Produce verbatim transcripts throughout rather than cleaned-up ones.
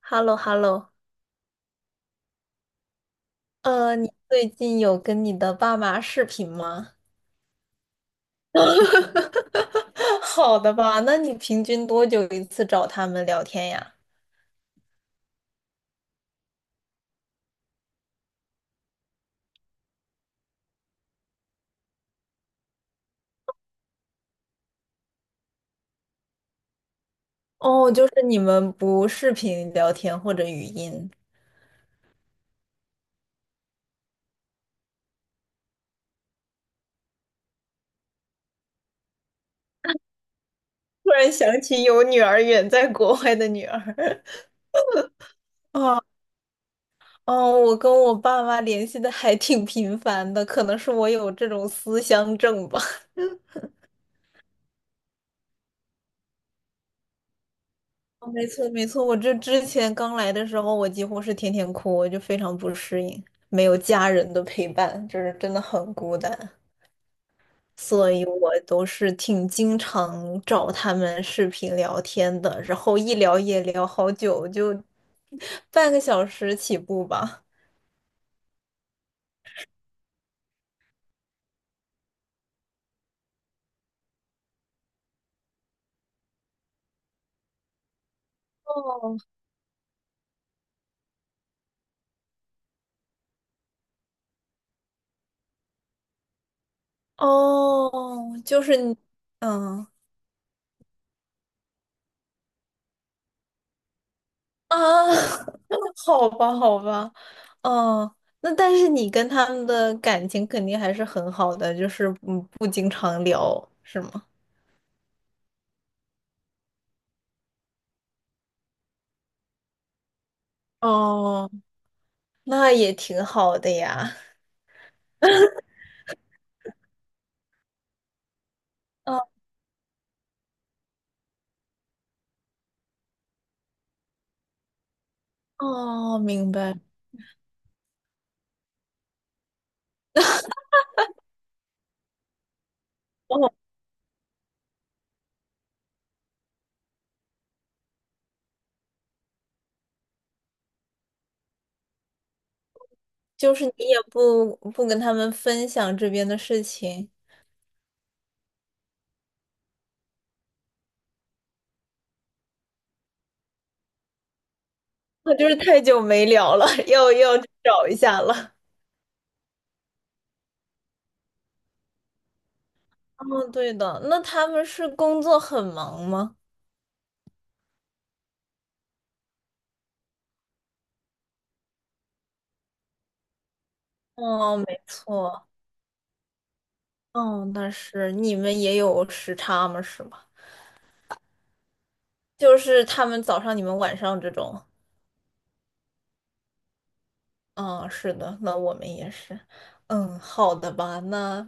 h e l l o h e l l o。 呃，你最近有跟你的爸妈视频吗？好的吧，那你平均多久一次找他们聊天呀？哦，就是你们不视频聊天或者语音。突然想起有女儿远在国外的女儿。啊，哦，我跟我爸妈联系的还挺频繁的，可能是我有这种思乡症吧。哦，没错，没错，我这之前刚来的时候，我几乎是天天哭，我就非常不适应，没有家人的陪伴，就是真的很孤单，所以我都是挺经常找他们视频聊天的，然后一聊也聊好久，就半个小时起步吧。哦，哦，就是你，嗯。啊，好吧，好吧，哦，那但是你跟他们的感情肯定还是很好的，就是嗯不经常聊，是吗？哦，那也挺好的呀。哦哦，明白。哦，就是你也不不跟他们分享这边的事情，那就是太久没聊了，要要去找一下了。哦，对的，那他们是工作很忙吗？哦，没错。哦，但是你们也有时差吗？是吗？就是他们早上，你们晚上这种。嗯，是的，那我们也是。嗯，好的吧，那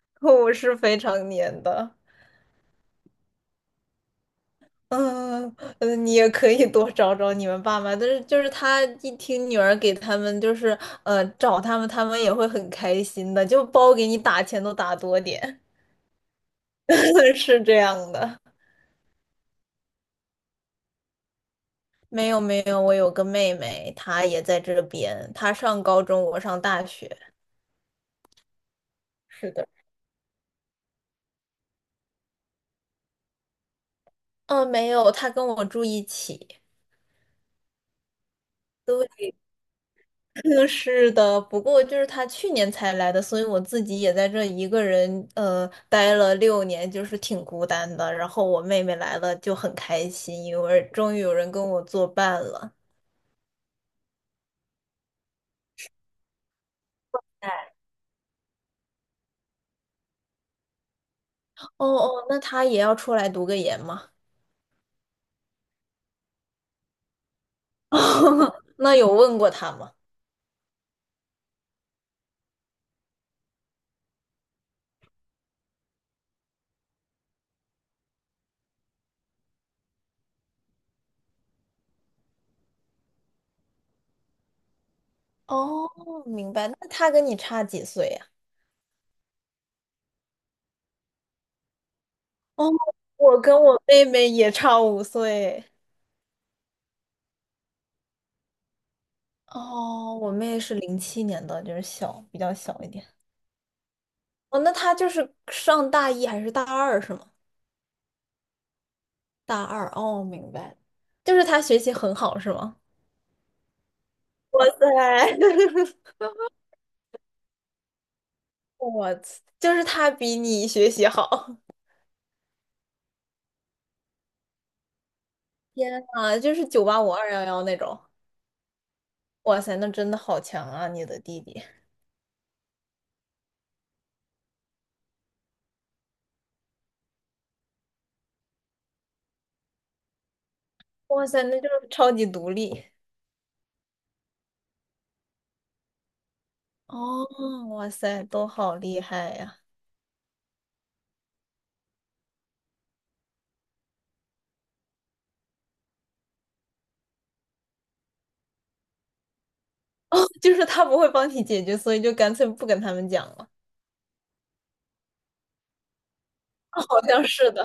我是非常黏的。嗯，呃你也可以多找找你们爸妈，但是就是他一听女儿给他们就是呃找他们，他们也会很开心的，就包给你打钱都打多点，是这样的。没有没有，我有个妹妹，她也在这边，她上高中，我上大学。是的，嗯，没有，她跟我住一起。对，是的，不过就是她去年才来的，所以我自己也在这一个人呃待了六年，就是挺孤单的。然后我妹妹来了就很开心，因为终于有人跟我作伴了。哦哦，那她也要出来读个研吗？那有问过她吗？哦，明白。那她跟你差几岁呀？哦，我跟我妹妹也差五岁。哦，我妹是零七年的，就是小，比较小一点。哦，那她就是上大一还是大二是吗？大二，哦，明白了。就是她学习很好是吗？哇塞，我就是她比你学习好。天啊，就是九八五二幺幺那种。哇塞，那真的好强啊，你的弟弟。哇塞，那就是超级独立。哦，哇塞，都好厉害呀！就是他不会帮你解决，所以就干脆不跟他们讲了。好像是的，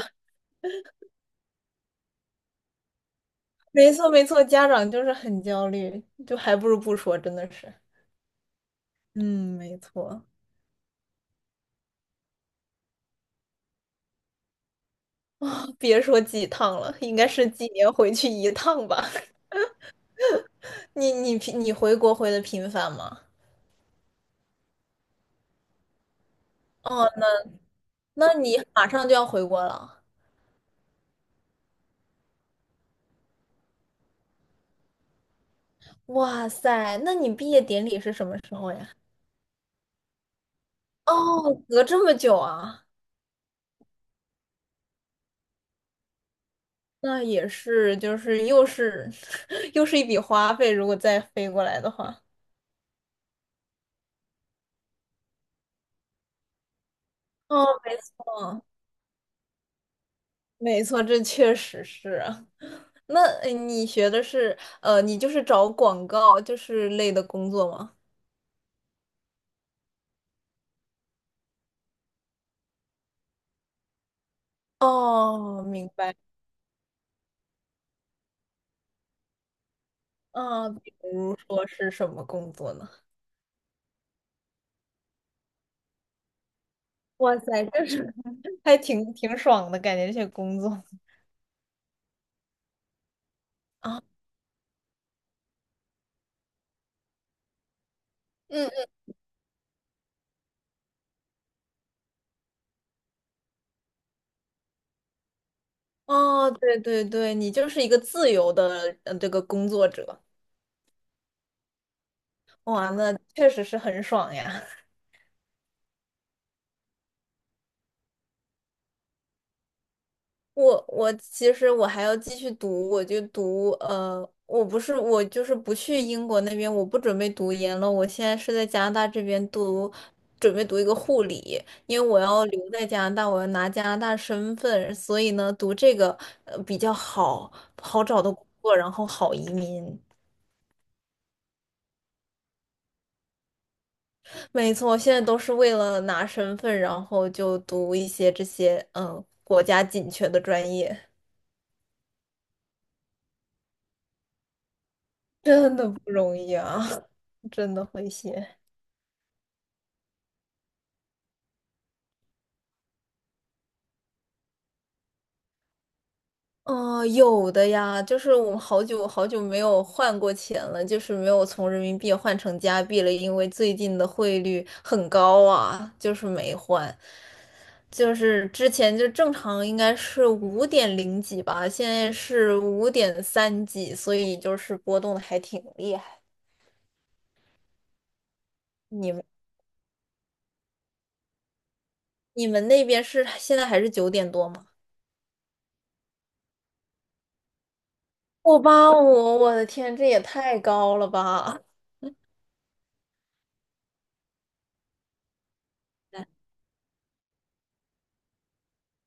没错没错，家长就是很焦虑，就还不如不说，真的是。嗯，没错。啊、别说几趟了，应该是几年回去一趟吧？你你平你回国回的频繁吗？哦，那你马上就要回国了。哇塞，那你毕业典礼是什么时候呀？哦，隔这么久啊。那也是，就是又是 又是一笔花费，如果再飞过来的话。哦，没错，没错，这确实是啊。那呃你学的是呃，你就是找广告就是类的工作吗？哦，明白。啊，比如说是什么工作呢？哇塞，这是 还挺挺爽的感觉，这些工作啊，嗯嗯，哦，对对对，你就是一个自由的呃这个工作者，哇，那确实是很爽呀。我我其实我还要继续读，我就读呃，我不是我就是不去英国那边，我不准备读研了，我现在是在加拿大这边读，准备读一个护理，因为我要留在加拿大，我要拿加拿大身份，所以呢，读这个呃比较好，好找的工作，然后好移民。没错，现在都是为了拿身份，然后就读一些这些嗯、呃国家紧缺的专业，真的不容易啊，真的会写。哦，有的呀，就是我们好久好久没有换过钱了，就是没有从人民币换成加币了，因为最近的汇率很高啊，就是没换。就是之前就正常应该是五点零几吧，现在是五点三几，所以就是波动的还挺厉害。你们你们那边是现在还是九点多吗？我八五，我的天，这也太高了吧！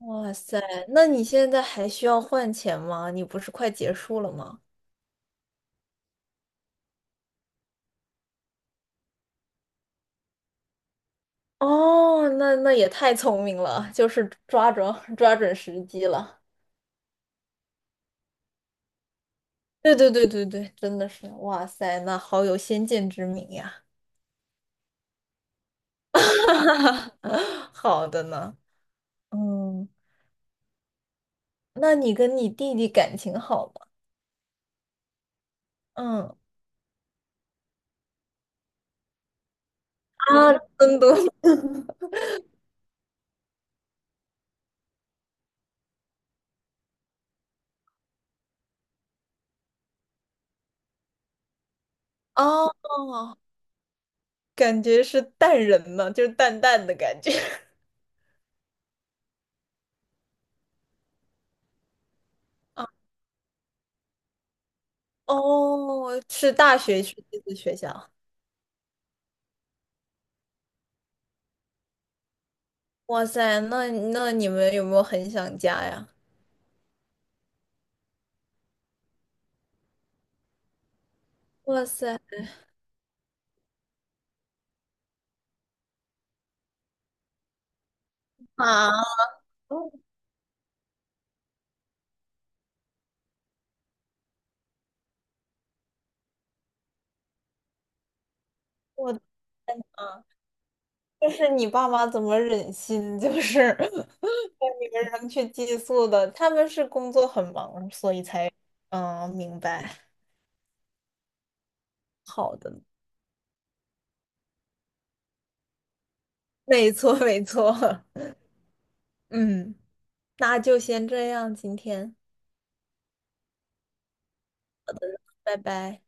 哇塞，那你现在还需要换钱吗？你不是快结束了吗？哦，那那也太聪明了，就是抓准 抓准时机了。对对对对对，真的是，哇塞，那好有先见之明呀。好的呢，嗯，那你跟你弟弟感情好吗？嗯，啊，真的 哦，感觉是淡人呢，就是淡淡的感觉。哦，是大学去这个学校。哇塞，那那你们有没有很想家呀？哇塞 啊，我的妈就是你爸妈怎么忍心，就是 你们扔去寄宿的？他们是工作很忙，所以才。嗯，明白。好的，没错没错，嗯，那就先这样，今天，拜拜。